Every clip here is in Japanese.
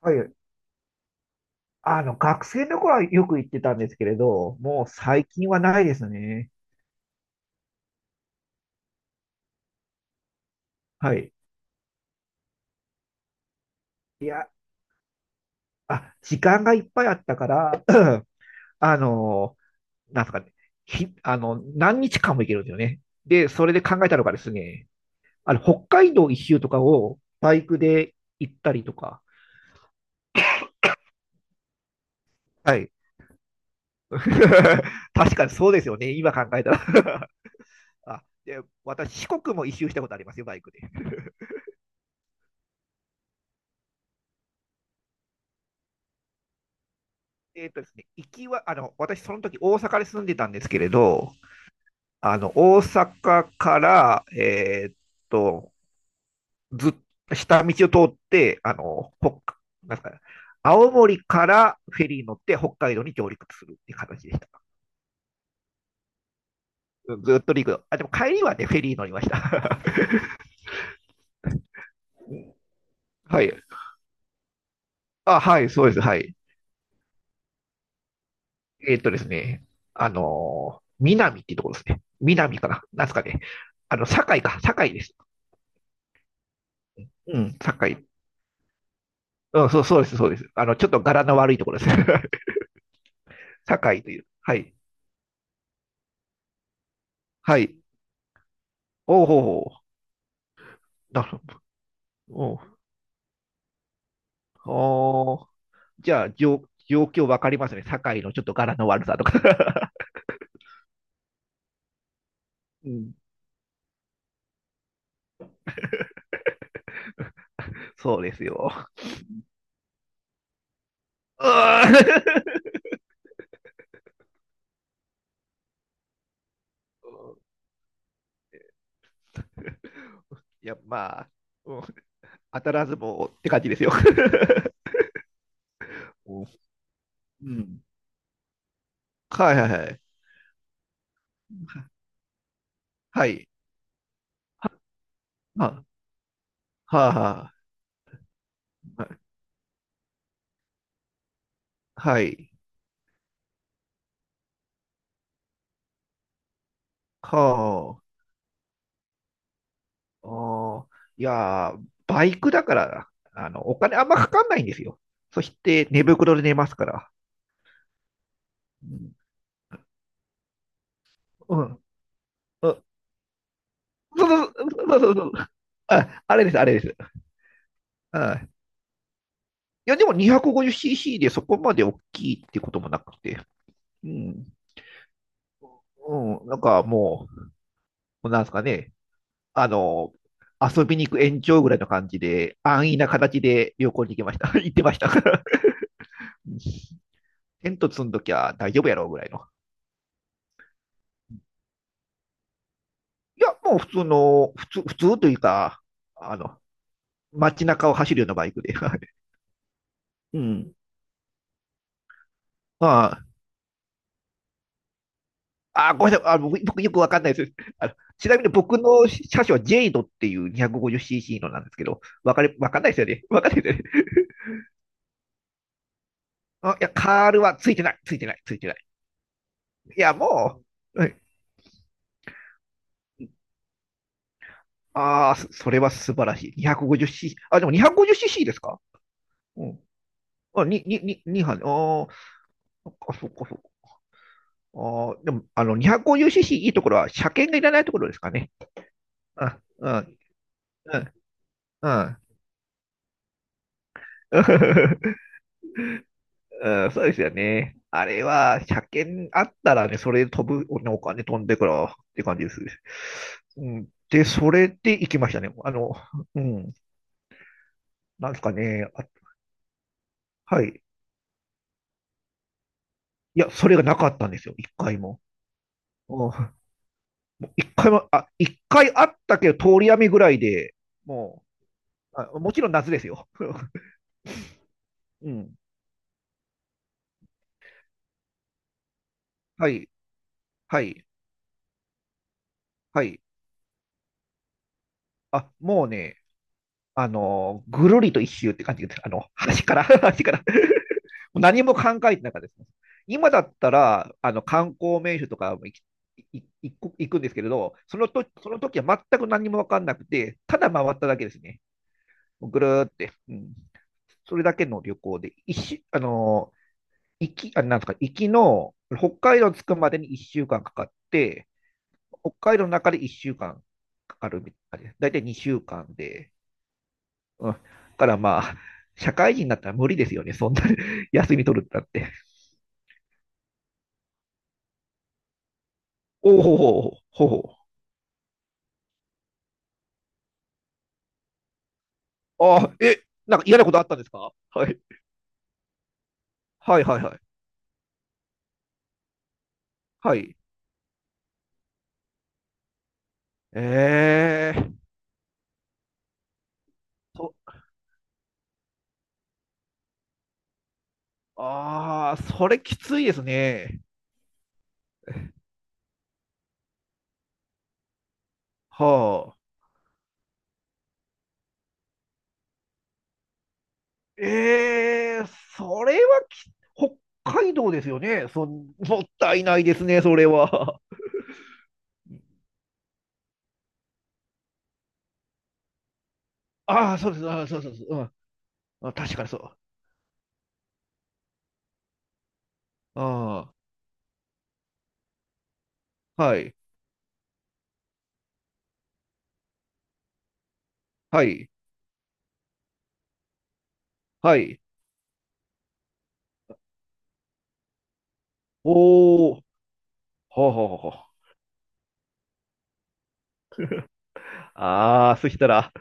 はい。学生の頃はよく行ってたんですけれど、もう最近はないですね。はい。いや、あ、時間がいっぱいあったから、あの、なんすかね、ひ、あの、何日間も行けるんですよね。で、それで考えたのがですね、北海道一周とかをバイクで行ったりとか。はい。確かにそうですよね。今考えたら、 あ、で、私、四国も一周したことありますよ、バイクで。えっとですね、行きは、私、その時大阪で住んでたんですけれど、大阪から、と、ずっと下道を通って、なんすかね、青森からフェリーに乗って北海道に上陸するっていう形でした。ずっと陸路。あ、でも帰りはね、フェリー乗りました。はい。あ、はい、そうです。はい。ですね、あのー、南っていうところですね。南かな。なんですかね。堺か。堺です。うん、堺。うん、そう、そうです、そうです。ちょっと柄の悪いところですね。堺という。はい。はい。おうほうほう。なるほど。おう。あー、じゃあ、状況わかりますね。堺のちょっと柄の悪さとか。うん、そうですよ。うー、 うん、いや、まあ、うん、当たらずもって感じですよ。うん。はいはいはい。はい。は、は、は、はい。はい、はあ、おー、いやー、バイクだから、お金あんまかかんないんですよ。そして、寝袋で寝ますから。うん。うん。うん、そうそうそうそうそう。あ、あれです、あれです。うん。いや、でも 250cc でそこまで大きいってこともなくて。うん。うん。なんかもう、なんですかね。あの、遊びに行く延長ぐらいの感じで、安易な形で旅行に行きました。行ってましたから。テント積んどきゃ大丈夫やろうぐらいの。いや、もう普通の、普通、普通というか、あの、街中を走るようなバイクで。はい。うん。ああ、ごめんなさい。僕よくわかんないです。あの、ちなみに僕の車種はジェイドっていう 250cc のなんですけど、わかんないですよね。わかんないですよね。あ、いや、カールはついてない、ついてない、ついてない。いや、もう、はい、ああ、それは素晴らしい。250cc。あ、でも 250cc ですか？うん。あ、に、に、に、2班。ああ、そっかそっか、おー、でも、250cc いいところは、車検がいらないところですかね。あ、うん、うん、うん。うん、そうですよね。あれは、車検あったらね、それで飛ぶ、ねお金飛んでからって感じです。うん、で、それで行きましたね。うん、なんですかね。あ、はい。いや、それがなかったんですよ、一回も。うん、一回も、あ、一回あったけど、通り雨ぐらいで、もう、あ、もちろん夏ですよ。うん、はい、はい、はい。あ、もうね、ぐるりと一周って感じです。端から、端から。何も考えてなかったです。今だったら、観光名所とかも行きい行く行くんですけれど、そのと、その時は全く何も分かんなくて、ただ回っただけですね。ぐるーって。うん。それだけの旅行で、一周、あの、行き、あ、なんですか、行きの、北海道着くまでに1週間かんかかって、北海道の中で1週間かんかかるみたいな感じです。だいたい2週間で、うん。だからまあ、社会人になったら無理ですよね。そんな、 休み取るってなって。おお、ほうほほほ、ああ、え、なんか嫌なことあったんですか？はい。はいはいはい。はい。ええと、ああ、それきついですね。はあ。ええ、それはき、北海道ですよね。もったいないですね、それは。ああ、そうです、ああ、そうそうそう、うん。あ、確かにそう。ああ、はい、はい、はい。おお、ほうほうほうほう。ああ、そしたら、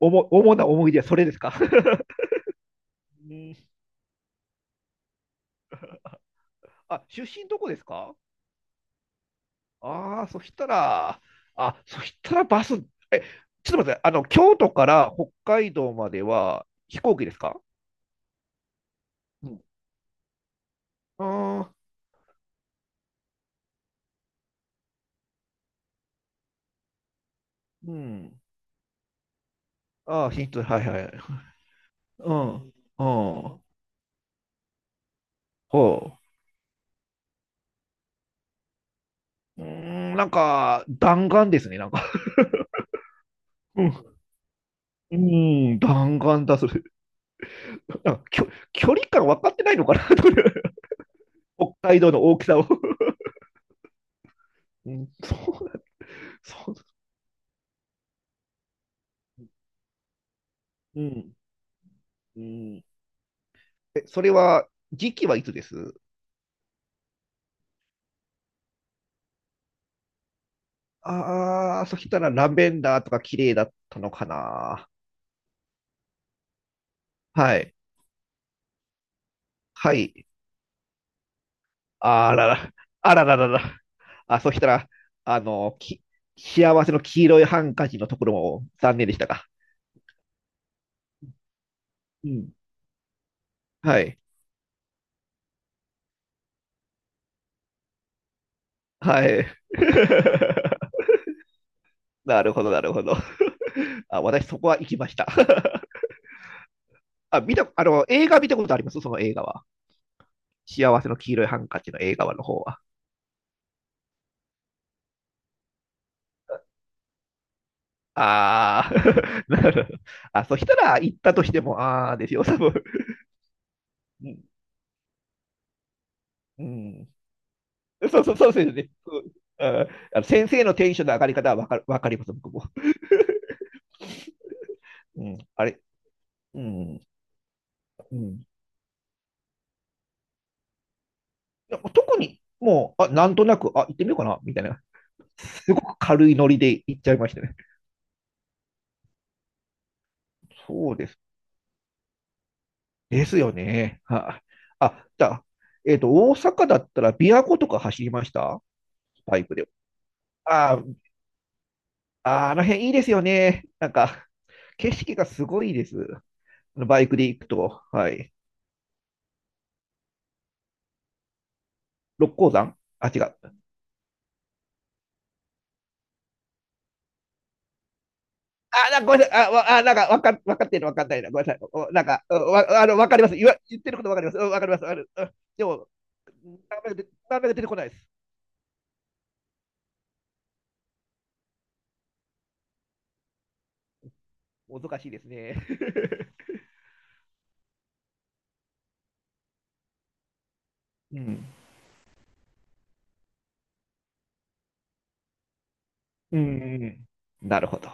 主な思い出はそれですか？うん、あ、出身どこですか？ああー、そしたら、あ、そしたらバス、え、ちょっと待って、京都から北海道までは飛行機ですか？うん、ああ、うん。ああ、はいはい。うん、うん、ほう。うーん、なんか、弾丸ですね、なんか。うん、うん、弾丸だ、それ。なんか、距離感分かってないのかな、という北海道の大きさを。うん、そう、そう。うん、うん。え、それは、時期はいつです？ああ、そしたらラベンダーとか綺麗だったのかな。はい。はい。あらら、あらららら。あ、そしたら、あの、き、幸せの黄色いハンカチのところも残念でしたか？うん。はい。はい。なるほど、なるほど。あ、私そこは行きました。あ、見た、あの、映画見たことあります？その映画は。幸せの黄色いハンカチの映画の方は。ああ、なるほど。あ、そしたら行ったとしても、ああですよ、多分。うん。うん、そうそう、そうですね。そう、ああの先生のテンションの上がり方はわかります、僕も。うん。あれ、うん。うん。なんか特に、もう、あ、なんとなく、あ、行ってみようかな、みたいな。すごく軽いノリで行っちゃいましたね。そうです。ですよね。はあ、あ、じゃあ、大阪だったら、琵琶湖とか走りました？バイクで。ああ、あー、あの辺いいですよね。なんか、景色がすごいです。のバイクで行くと、はい。六甲山、あ、違う。あ、ごめんなさい。あ、わあ、なんか、わかってるのわかんないな。ごめんなさい。お、なんか、おわ、あの、わかります。言ってることわかります。うん、わかります。ある。うん、でも、なかなか出てこないです。おどかしいですね。うん。うん。なるほど。